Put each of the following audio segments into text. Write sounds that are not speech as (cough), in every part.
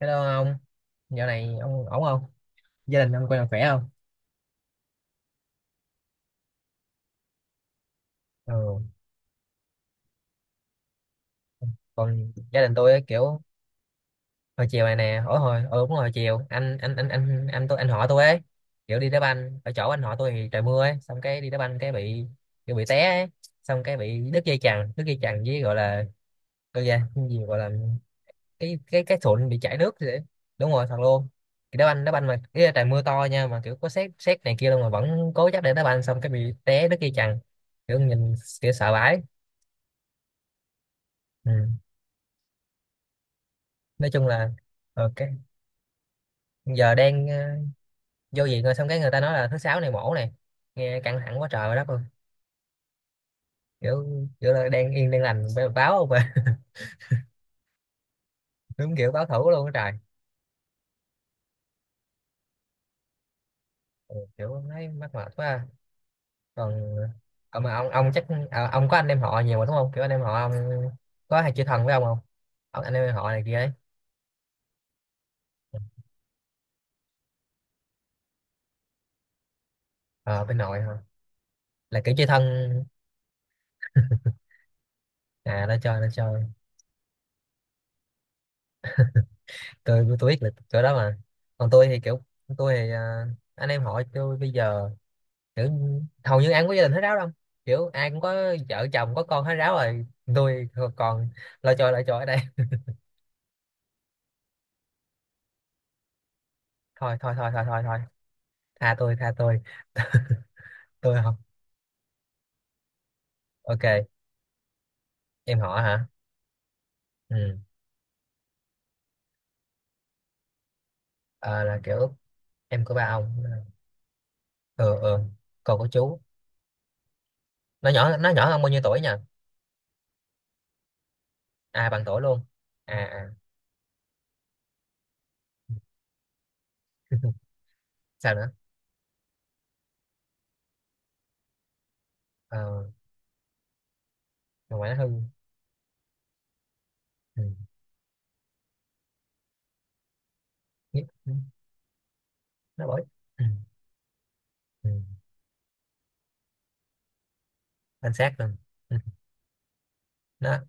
Hello ông, dạo này ông ổn không? Gia đình ông coi là khỏe không? Ừ. Còn gia đình tôi ấy, kiểu hồi chiều này nè, hồi hồi ừ, đúng rồi, hồi chiều anh họ tôi ấy, kiểu đi đá banh ở chỗ anh họ tôi thì trời mưa ấy, xong cái đi đá banh cái bị té ấy. Xong cái bị đứt dây chằng với gọi là cái gì gọi là cái sụn bị chảy nước vậy. Đúng rồi, thật luôn. Thì đá banh mà cái trời mưa to nha, mà kiểu có sét sét này kia luôn mà vẫn cố chấp để đá banh, xong cái bị té đứt dây chằng, kiểu nhìn kiểu sợ vãi. Ừ. Nói chung là cái giờ đang vô viện rồi, xong cái người ta nói là thứ sáu này mổ này, nghe căng thẳng quá trời quá đất luôn, kiểu kiểu là đang yên đang lành báo không à (laughs) đúng kiểu báo thủ luôn á trời. Ừ, kiểu thấy mắc mệt quá à. Còn còn mà ông chắc ông có anh em họ nhiều mà đúng không? Kiểu anh em họ ông có hay chơi thân với ông không? Ông anh em họ này kia ấy. Ờ Bên nội hả? Là kiểu chơi thân. Nó chơi, nó chơi. Tôi biết là chỗ đó mà. Còn tôi thì kiểu, tôi thì à, anh em họ tôi bây giờ kiểu hầu như ai cũng có gia đình hết ráo đâu, kiểu ai cũng có vợ chồng có con hết ráo rồi. Tôi còn lo cho ở đây. Thôi thôi thôi thôi thôi thôi, tha tôi, tha tôi không. Ok, em họ hả? Ừ. Ờ, là kiểu em của ba ông. Ừ, ừ, còn của chú. Nó nhỏ hơn bao nhiêu tuổi nhỉ? À, bằng tuổi luôn. à à (laughs) sao nữa? ờ mà ngoại nó hư. Ừ. Nhức. Ừ. Nó bổi. Ừ. Ừ. Anh sát luôn. Ừ. Nó.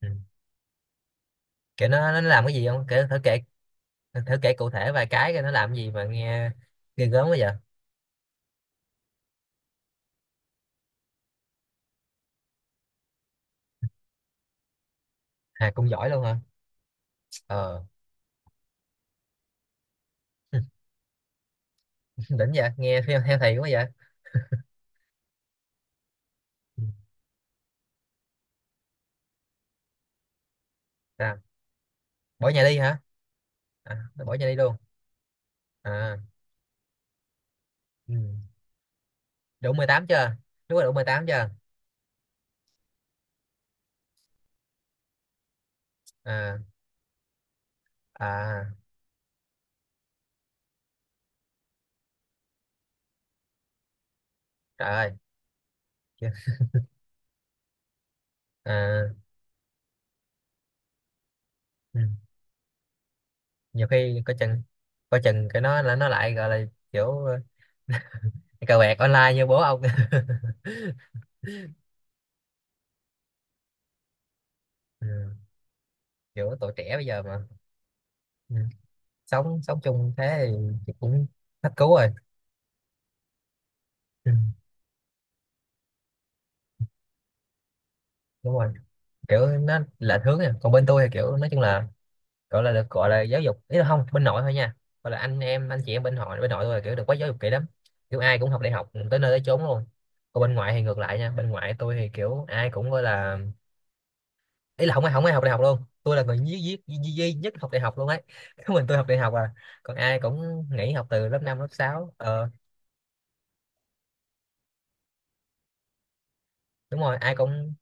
Ừ. Kiểu nó làm cái gì không kể, thử kể, thử, thử kể cụ thể vài cái coi nó làm gì mà nghe ghê gớm quá vậy. À cũng giỏi luôn hả? ờ (laughs) đỉnh vậy, nghe theo thầy quá vậy. Ừ. À, bỏ nhà đi hả? À, nó bỏ nhà đi luôn. À. Ừ. Đủ 18 chưa? Đúng rồi, đủ 18 chưa? à à Trời ơi. Chưa. À. Ừ. Nhiều khi coi chừng, cái nó là nó lại gọi là kiểu cờ bạc online như bố ông (laughs) ừ. Kiểu tuổi trẻ bây giờ mà. Ừ. sống sống chung thế thì cũng hết cứu rồi. Ừ. Đúng rồi. Kiểu nó là hướng nè, còn bên tôi thì kiểu nói chung là, gọi là được gọi là giáo dục, ý là không, bên nội thôi nha. Gọi là anh chị em bên họ, bên nội tôi là kiểu được quá giáo dục kỹ lắm, kiểu ai cũng học đại học tới nơi tới chốn luôn. Còn bên ngoại thì ngược lại nha, bên ngoại tôi thì kiểu ai cũng gọi là, ý là không ai học đại học luôn. Tôi là người duy nhất học đại học luôn ấy. (laughs) Có mình tôi học đại học à. Còn ai cũng nghỉ học từ lớp 5 lớp sáu. Ờ Đúng rồi, ai cũng.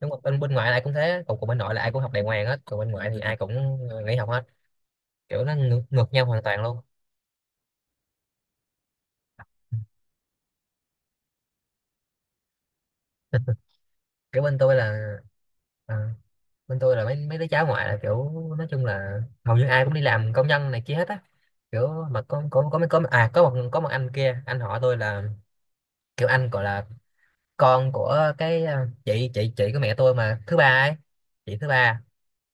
Bên bên ngoại là ai cũng thế, còn bên nội là ai cũng học đại ngoan hết, còn bên ngoại thì ai cũng nghỉ học hết, kiểu nó ngược nhau hoàn toàn luôn. Kiểu bên tôi là ờ, bên tôi là mấy mấy đứa cháu ngoại là kiểu nói chung là hầu như ai cũng đi làm công nhân này kia hết á. Kiểu mà có mấy có à có một anh kia, anh họ tôi là kiểu anh gọi là con của cái chị của mẹ tôi mà thứ ba ấy. Chị thứ ba,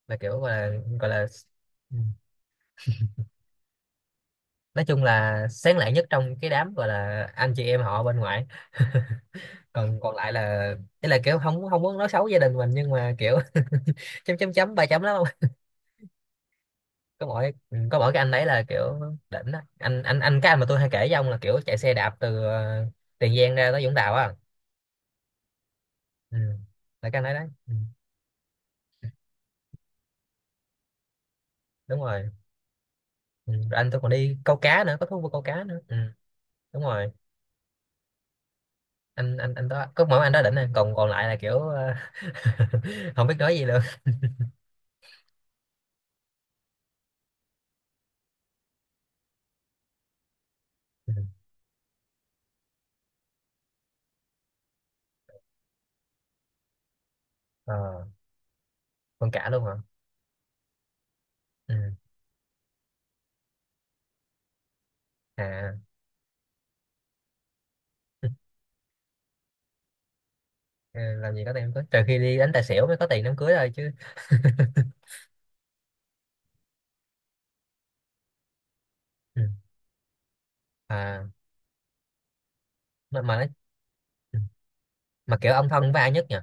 là kiểu gọi là, gọi là ừ, nói chung là sáng lạng nhất trong cái đám gọi là anh chị em họ bên ngoại. (laughs) còn Còn lại là, ý là kiểu không không muốn nói xấu gia đình mình nhưng mà kiểu (laughs) chấm chấm chấm ba chấm lắm. có mỗi có mỗi cái anh đấy là kiểu đỉnh đó. Anh Cái anh mà tôi hay kể với ông là kiểu chạy xe đạp từ Tiền Giang ra tới Vũng Tàu á. Ừ. Là cái anh đấy đấy. Ừ. Đúng rồi. Ừ. Rồi anh tôi còn đi câu cá nữa, có thú vui câu cá nữa. Ừ. Đúng rồi. Anh đó, có mỗi anh đó đỉnh này, còn còn lại là kiểu (laughs) không biết nói gì luôn. Ừ. ờ, con cả luôn hả? Ừ. À. Ừ, làm gì có tiền đám cưới, trừ khi đi đánh tài xỉu mới có tiền đám cưới thôi chứ. Ừ. À. mà mà, nói, ừ, mà kiểu ông thân với ai nhất nhỉ?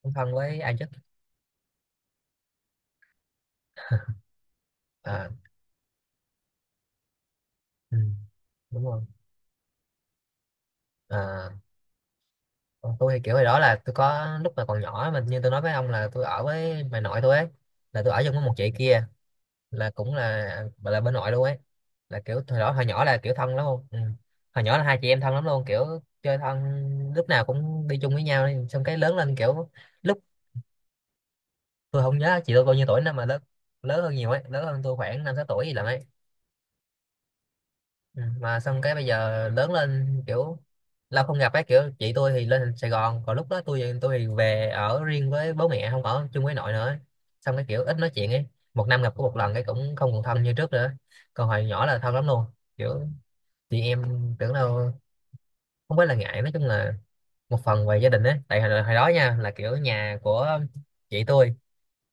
Ông thân với ai nhất? (laughs) À. Ừ, đúng rồi. à, Còn tôi thì kiểu hồi đó là tôi có lúc mà còn nhỏ, mà như tôi nói với ông là tôi ở với bà nội tôi ấy, là tôi ở chung với một chị kia, là cũng là bà là bên nội luôn ấy, là kiểu hồi đó hồi nhỏ là kiểu thân lắm luôn. Ừ. Hồi nhỏ là hai chị em thân lắm luôn, kiểu chơi thân, lúc nào cũng đi chung với nhau ấy. Xong cái lớn lên kiểu lúc, tôi không nhớ chị tôi bao nhiêu tuổi nữa mà lớn lớn hơn nhiều ấy, lớn hơn tôi khoảng năm sáu tuổi gì lận ấy. Ừ, mà xong cái bây giờ lớn lên kiểu lâu không gặp ấy, kiểu chị tôi thì lên Sài Gòn, còn lúc đó tôi thì về ở riêng với bố mẹ, không ở chung với nội nữa, xong cái kiểu ít nói chuyện ấy. Một năm gặp có một lần, cái cũng không còn thân như trước nữa. Còn hồi nhỏ là thân lắm luôn, kiểu chị em tưởng đâu. Không phải là ngại, nói chung là một phần về gia đình ấy, tại hồi đó nha là kiểu nhà của chị tôi,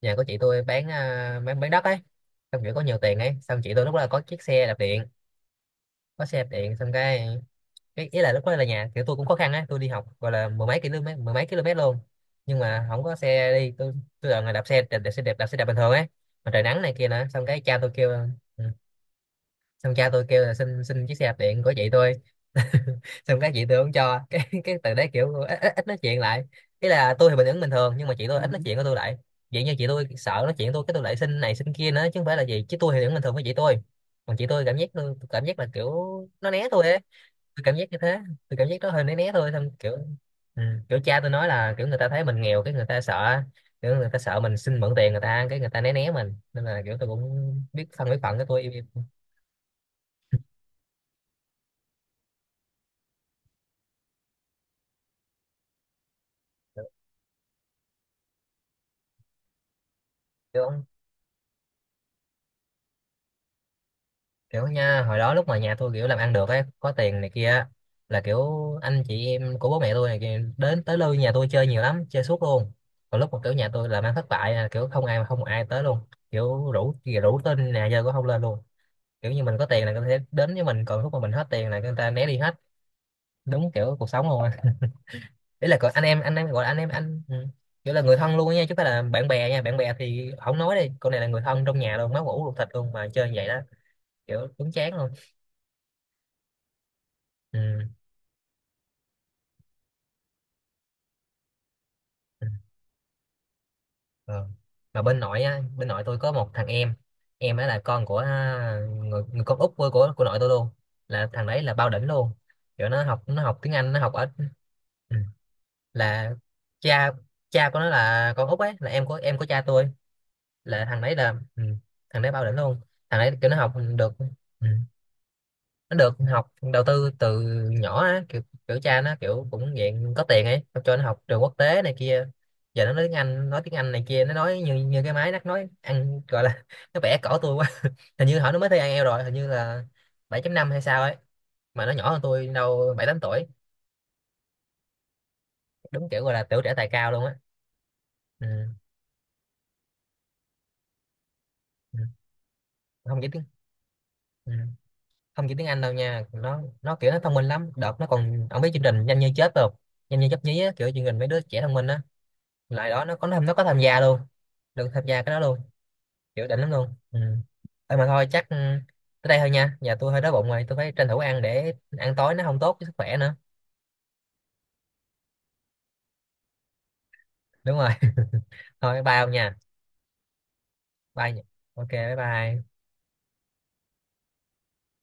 nhà của chị tôi bán bán đất ấy, xong kiểu có nhiều tiền ấy, xong chị tôi lúc đó là có chiếc xe đạp điện, có xe đạp điện. Xong cái ý là lúc đó là nhà kiểu tôi cũng khó khăn á, tôi đi học gọi là mười mấy km, mười mấy km luôn, nhưng mà không có xe đi. Tôi đợi là người đạp xe đạp, đạp xe đạp bình thường ấy, mà trời nắng này kia nữa. Xong cái cha tôi kêu. Ừ. Xong cha tôi kêu là xin xin chiếc xe đạp điện của chị tôi. (laughs) Xong cái chị tôi không cho, cái từ đấy kiểu ít nói chuyện lại. Ý là tôi thì bình thường nhưng mà chị tôi ít nói chuyện với tôi lại, vậy như chị tôi sợ nói chuyện với tôi, cái tôi lại xin này xin kia nữa, chứ không phải là gì, chứ tôi thì vẫn bình thường với chị tôi. Còn chị tôi cảm giác tôi cảm giác là kiểu nó né tôi ấy. Tôi cảm giác như thế. Tôi cảm giác đó hơi né né thôi. Xong kiểu ừ, kiểu cha tôi nói là kiểu người ta thấy mình nghèo cái người ta sợ, kiểu người ta sợ mình xin mượn tiền người ta, cái người ta né né mình, nên là kiểu tôi cũng biết phân biết phận, cái tôi im im. Kiểu Kiểu nha, hồi đó lúc mà nhà tôi kiểu làm ăn được ấy, có tiền này kia á, là kiểu anh chị em của bố mẹ tôi này kia đến tới lui nhà tôi chơi nhiều lắm, chơi suốt luôn. Còn lúc mà kiểu nhà tôi làm ăn thất bại là kiểu không ai, mà không một ai tới luôn, kiểu rủ rủ tên nhà chơi cũng không lên luôn. Kiểu như mình có tiền là người ta sẽ đến với mình, còn lúc mà mình hết tiền là người ta né đi hết, đúng kiểu cuộc sống luôn á. Ý là gọi anh em gọi là anh em anh. Ừ. Kiểu là người thân luôn á nha, chứ không phải là bạn bè nha, bạn bè thì không nói đi con, này là người thân trong nhà luôn, máu mủ ruột thịt luôn mà chơi như vậy đó. Kiểu đúng chán luôn. Ừ. Ừ. Ờ. Mà bên nội á, bên nội tôi có một thằng em. Em đó là con của người con út của nội tôi luôn, là thằng đấy là bao đỉnh luôn. Kiểu nó học tiếng Anh, nó học ở. Ừ. Là cha cha của nó là con út ấy, là em của cha tôi. Là thằng đấy là ừ, thằng đấy bao đỉnh luôn. Thằng đấy kiểu nó học được. Ừ, nó được học đầu tư từ nhỏ á, kiểu cha nó kiểu cũng dạng có tiền ấy, cho nó học trường quốc tế này kia. Giờ nó nói tiếng Anh, nói tiếng Anh này kia, nó nói như như cái máy, nó nói ăn gọi là (laughs) nó bẻ cổ tôi quá. Hình như hỏi nó mới thi IELTS rồi, hình như là 7.5 hay sao ấy, mà nó nhỏ hơn tôi đâu bảy tám tuổi. Đúng kiểu gọi là tiểu trẻ tài cao luôn á. Ừ. Ừ. không chỉ tiếng Ừ, không chỉ tiếng Anh đâu nha, nó kiểu nó thông minh lắm. Đợt nó còn, ông biết chương trình Nhanh Như Chết không? Nhanh Như Chớp Nhí á, kiểu chương trình mấy đứa trẻ thông minh á. Lại đó nó có tham gia luôn, được tham gia cái đó luôn, kiểu đỉnh lắm luôn. Ừ. Thôi chắc ừ, tới đây thôi nha, nhà tôi hơi đói bụng rồi, tôi phải tranh thủ ăn, để ăn tối nó không tốt với sức khỏe nữa. Đúng rồi (laughs) thôi, bye ông nha. Bye nha. Ok, bye bye.